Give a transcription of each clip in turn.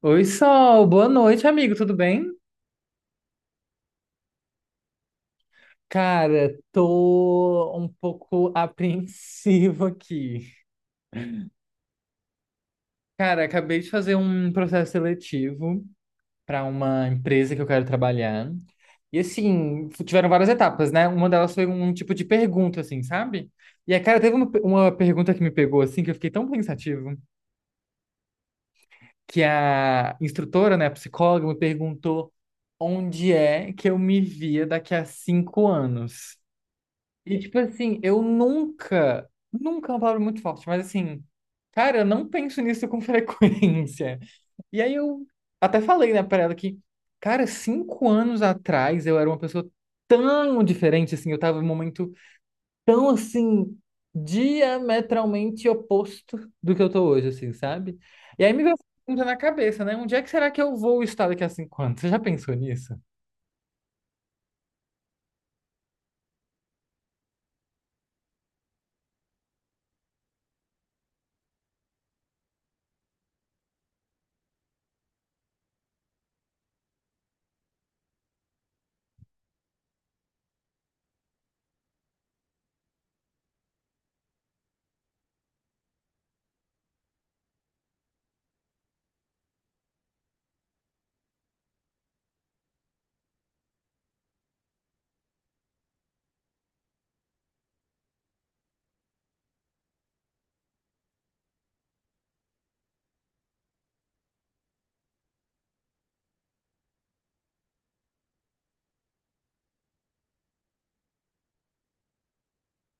Oi, Sol, boa noite, amigo, tudo bem? Cara, tô um pouco apreensivo aqui. Cara, acabei de fazer um processo seletivo para uma empresa que eu quero trabalhar. E assim, tiveram várias etapas, né? Uma delas foi um tipo de pergunta, assim, sabe? E a cara teve uma pergunta que me pegou, assim, que eu fiquei tão pensativo, que a instrutora, né, a psicóloga, me perguntou onde é que eu me via daqui a 5 anos. E, tipo assim, eu nunca, nunca é uma palavra muito forte, mas assim, cara, eu não penso nisso com frequência. E aí eu até falei, né, pra ela que, cara, 5 anos atrás eu era uma pessoa tão diferente, assim, eu tava em um momento tão, assim, diametralmente oposto do que eu tô hoje, assim, sabe? E aí me veio essa pergunta na cabeça, né? Onde é que será que eu vou estar daqui a 5 anos? Você já pensou nisso?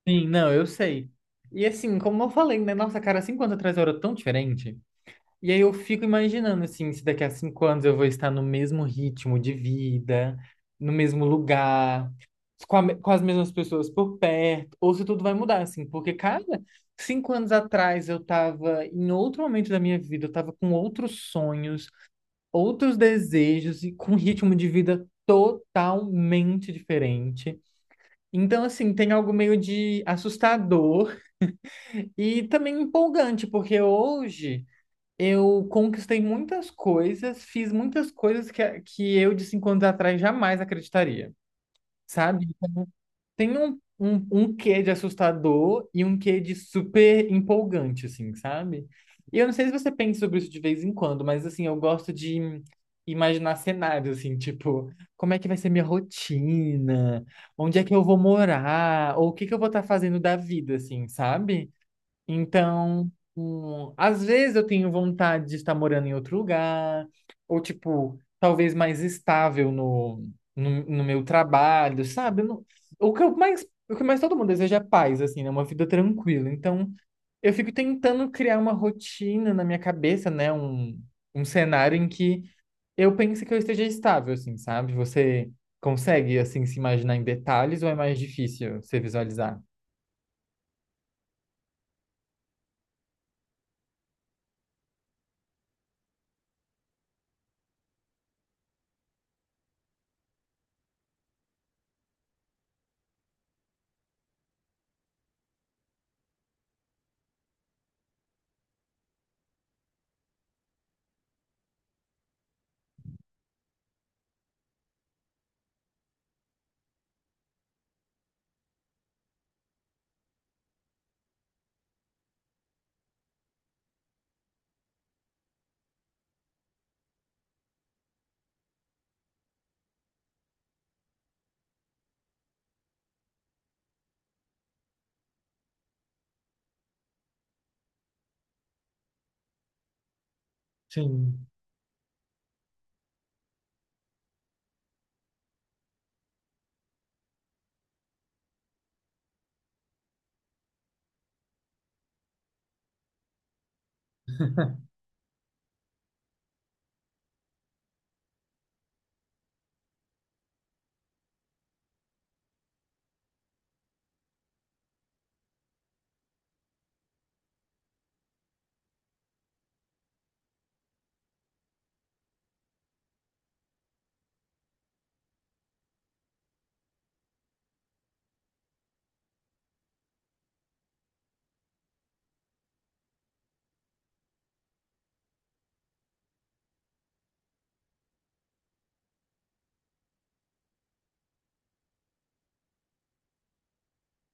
Sim, não, eu sei. E assim, como eu falei, né? Nossa, cara, 5 anos atrás eu era tão diferente. E aí eu fico imaginando, assim, se daqui a 5 anos eu vou estar no mesmo ritmo de vida, no mesmo lugar, com as mesmas pessoas por perto, ou se tudo vai mudar, assim. Porque, cara, 5 anos atrás eu tava em outro momento da minha vida, eu tava com outros sonhos, outros desejos e com um ritmo de vida totalmente diferente. Então, assim, tem algo meio de assustador e também empolgante, porque hoje eu conquistei muitas coisas, fiz muitas coisas que eu de 5 anos atrás jamais acreditaria, sabe? Então, tem um quê de assustador e um quê de super empolgante, assim, sabe? E eu não sei se você pensa sobre isso de vez em quando, mas assim, eu gosto de imaginar cenários, assim, tipo, como é que vai ser minha rotina? Onde é que eu vou morar? Ou o que que eu vou estar fazendo da vida, assim, sabe? Então, às vezes eu tenho vontade de estar morando em outro lugar, ou tipo, talvez mais estável no meu trabalho, sabe? Eu não- o que eu mais, o que mais todo mundo deseja é paz, assim, né? Uma vida tranquila. Então, eu fico tentando criar uma rotina na minha cabeça, né? Um cenário em que eu pense que eu esteja estável, assim, sabe? Você consegue, assim, se imaginar em detalhes ou é mais difícil você visualizar? Sim.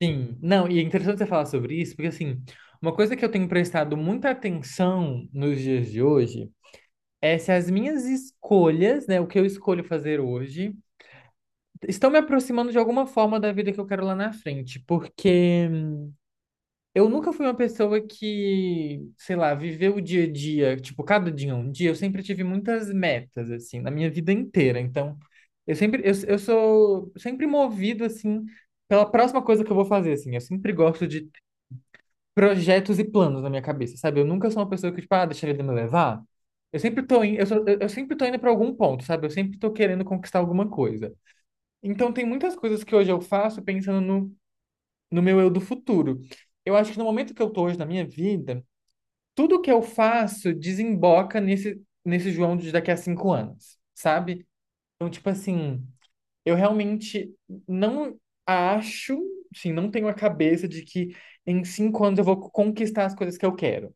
Sim, não, e é interessante você falar sobre isso, porque assim, uma coisa que eu tenho prestado muita atenção nos dias de hoje é se as minhas escolhas, né, o que eu escolho fazer hoje, estão me aproximando de alguma forma da vida que eu quero lá na frente, porque eu nunca fui uma pessoa que, sei lá, viveu o dia a dia, tipo, cada dia é um dia, eu sempre tive muitas metas, assim, na minha vida inteira, então, eu sou sempre movido, assim, pela próxima coisa que eu vou fazer, assim, eu sempre gosto de projetos e planos na minha cabeça, sabe? Eu nunca sou uma pessoa que, tipo, ah, deixa a vida me levar. Eu sempre tô indo para algum ponto, sabe? Eu sempre tô querendo conquistar alguma coisa. Então, tem muitas coisas que hoje eu faço pensando no meu eu do futuro. Eu acho que no momento que eu tô hoje na minha vida, tudo que eu faço desemboca nesse João de daqui a 5 anos, sabe? Então, tipo assim, eu realmente não acho, assim, não tenho a cabeça de que em 5 anos eu vou conquistar as coisas que eu quero.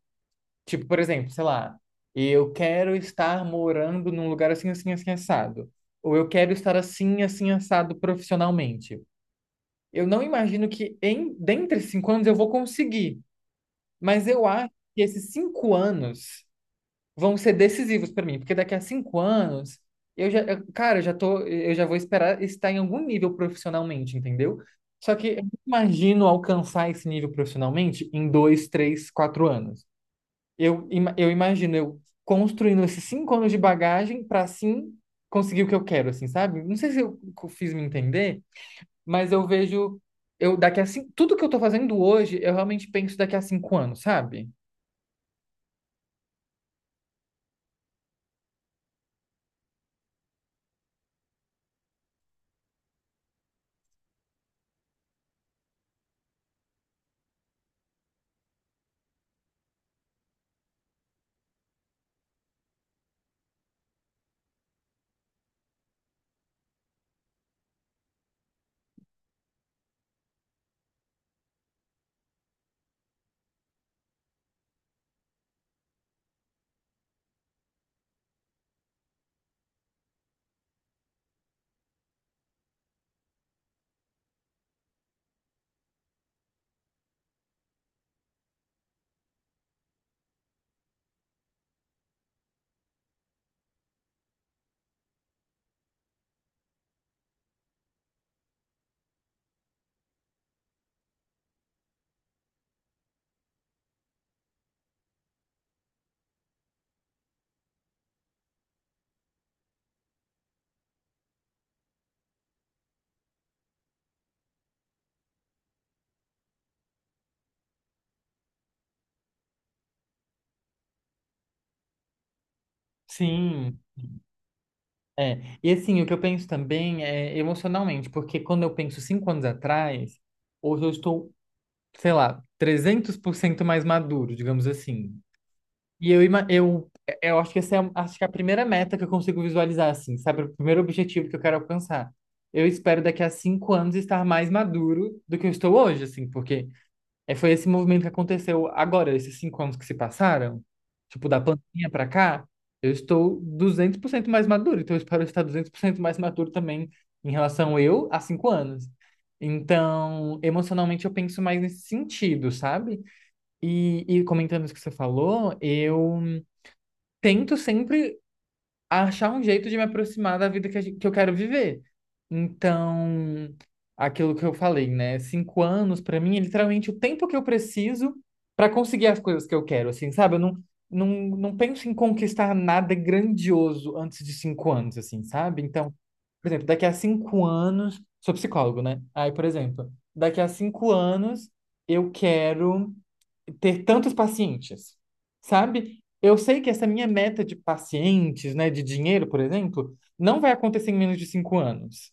Tipo, por exemplo, sei lá, eu quero estar morando num lugar assim, assim, assim, assado. Ou eu quero estar assim, assim, assado profissionalmente. Eu não imagino que dentre 5 anos eu vou conseguir, mas eu acho que esses 5 anos vão ser decisivos para mim, porque daqui a 5 anos cara, eu já vou esperar estar em algum nível profissionalmente, entendeu? Só que eu não imagino alcançar esse nível profissionalmente em 2, 3, 4 anos. Eu imagino eu construindo esses 5 anos de bagagem para assim conseguir o que eu quero, assim, sabe? Não sei se fiz me entender, mas eu vejo eu daqui a cinco, tudo que eu tô fazendo hoje, eu realmente penso daqui a 5 anos, sabe? Sim, é. E assim, o que eu penso também é emocionalmente, porque quando eu penso 5 anos atrás, hoje eu estou, sei lá, 300% mais maduro, digamos assim. E eu acho que é a primeira meta que eu consigo visualizar, assim, sabe? O primeiro objetivo que eu quero alcançar. Eu espero daqui a 5 anos estar mais maduro do que eu estou hoje, assim, porque é, foi esse movimento que aconteceu agora, esses 5 anos que se passaram, tipo, da pandemia pra cá, eu estou 200% mais maduro, então eu espero estar 200% mais maduro também em relação eu a 5 anos. Então, emocionalmente eu penso mais nesse sentido, sabe? E comentando isso que você falou, eu tento sempre achar um jeito de me aproximar da vida que, que eu quero viver. Então, aquilo que eu falei, né? 5 anos, pra mim, é literalmente o tempo que eu preciso pra conseguir as coisas que eu quero, assim, sabe? Eu não, não penso em conquistar nada grandioso antes de 5 anos, assim, sabe? Então, por exemplo, daqui a 5 anos. Sou psicólogo, né? Aí, por exemplo, daqui a 5 anos eu quero ter tantos pacientes, sabe? Eu sei que essa minha meta de pacientes, né, de dinheiro, por exemplo, não vai acontecer em menos de 5 anos.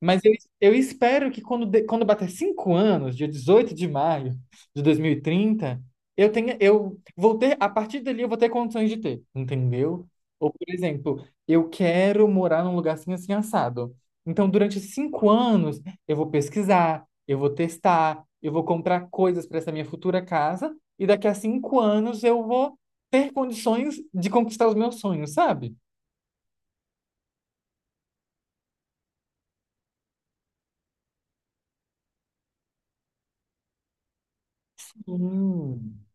Mas eu espero que quando, quando bater 5 anos, dia 18 de maio de 2030, eu vou ter, a partir dali eu vou ter condições de ter, entendeu? Ou, por exemplo, eu quero morar num lugar assim, assim, assado. Então, durante 5 anos, eu vou pesquisar, eu vou testar, eu vou comprar coisas para essa minha futura casa, e daqui a 5 anos eu vou ter condições de conquistar os meus sonhos, sabe? Hum.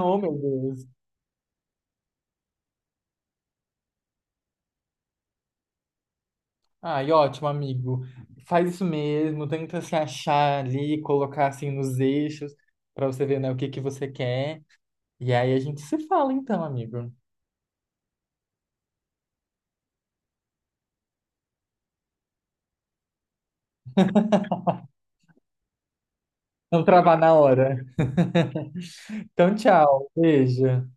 Oh, meu Deus. Ai, ótimo, amigo. Faz isso mesmo, tenta se achar ali, colocar assim nos eixos pra você ver, né, o que que você quer. E aí a gente se fala então, amigo. Não travar na hora. Então, tchau. Beijo.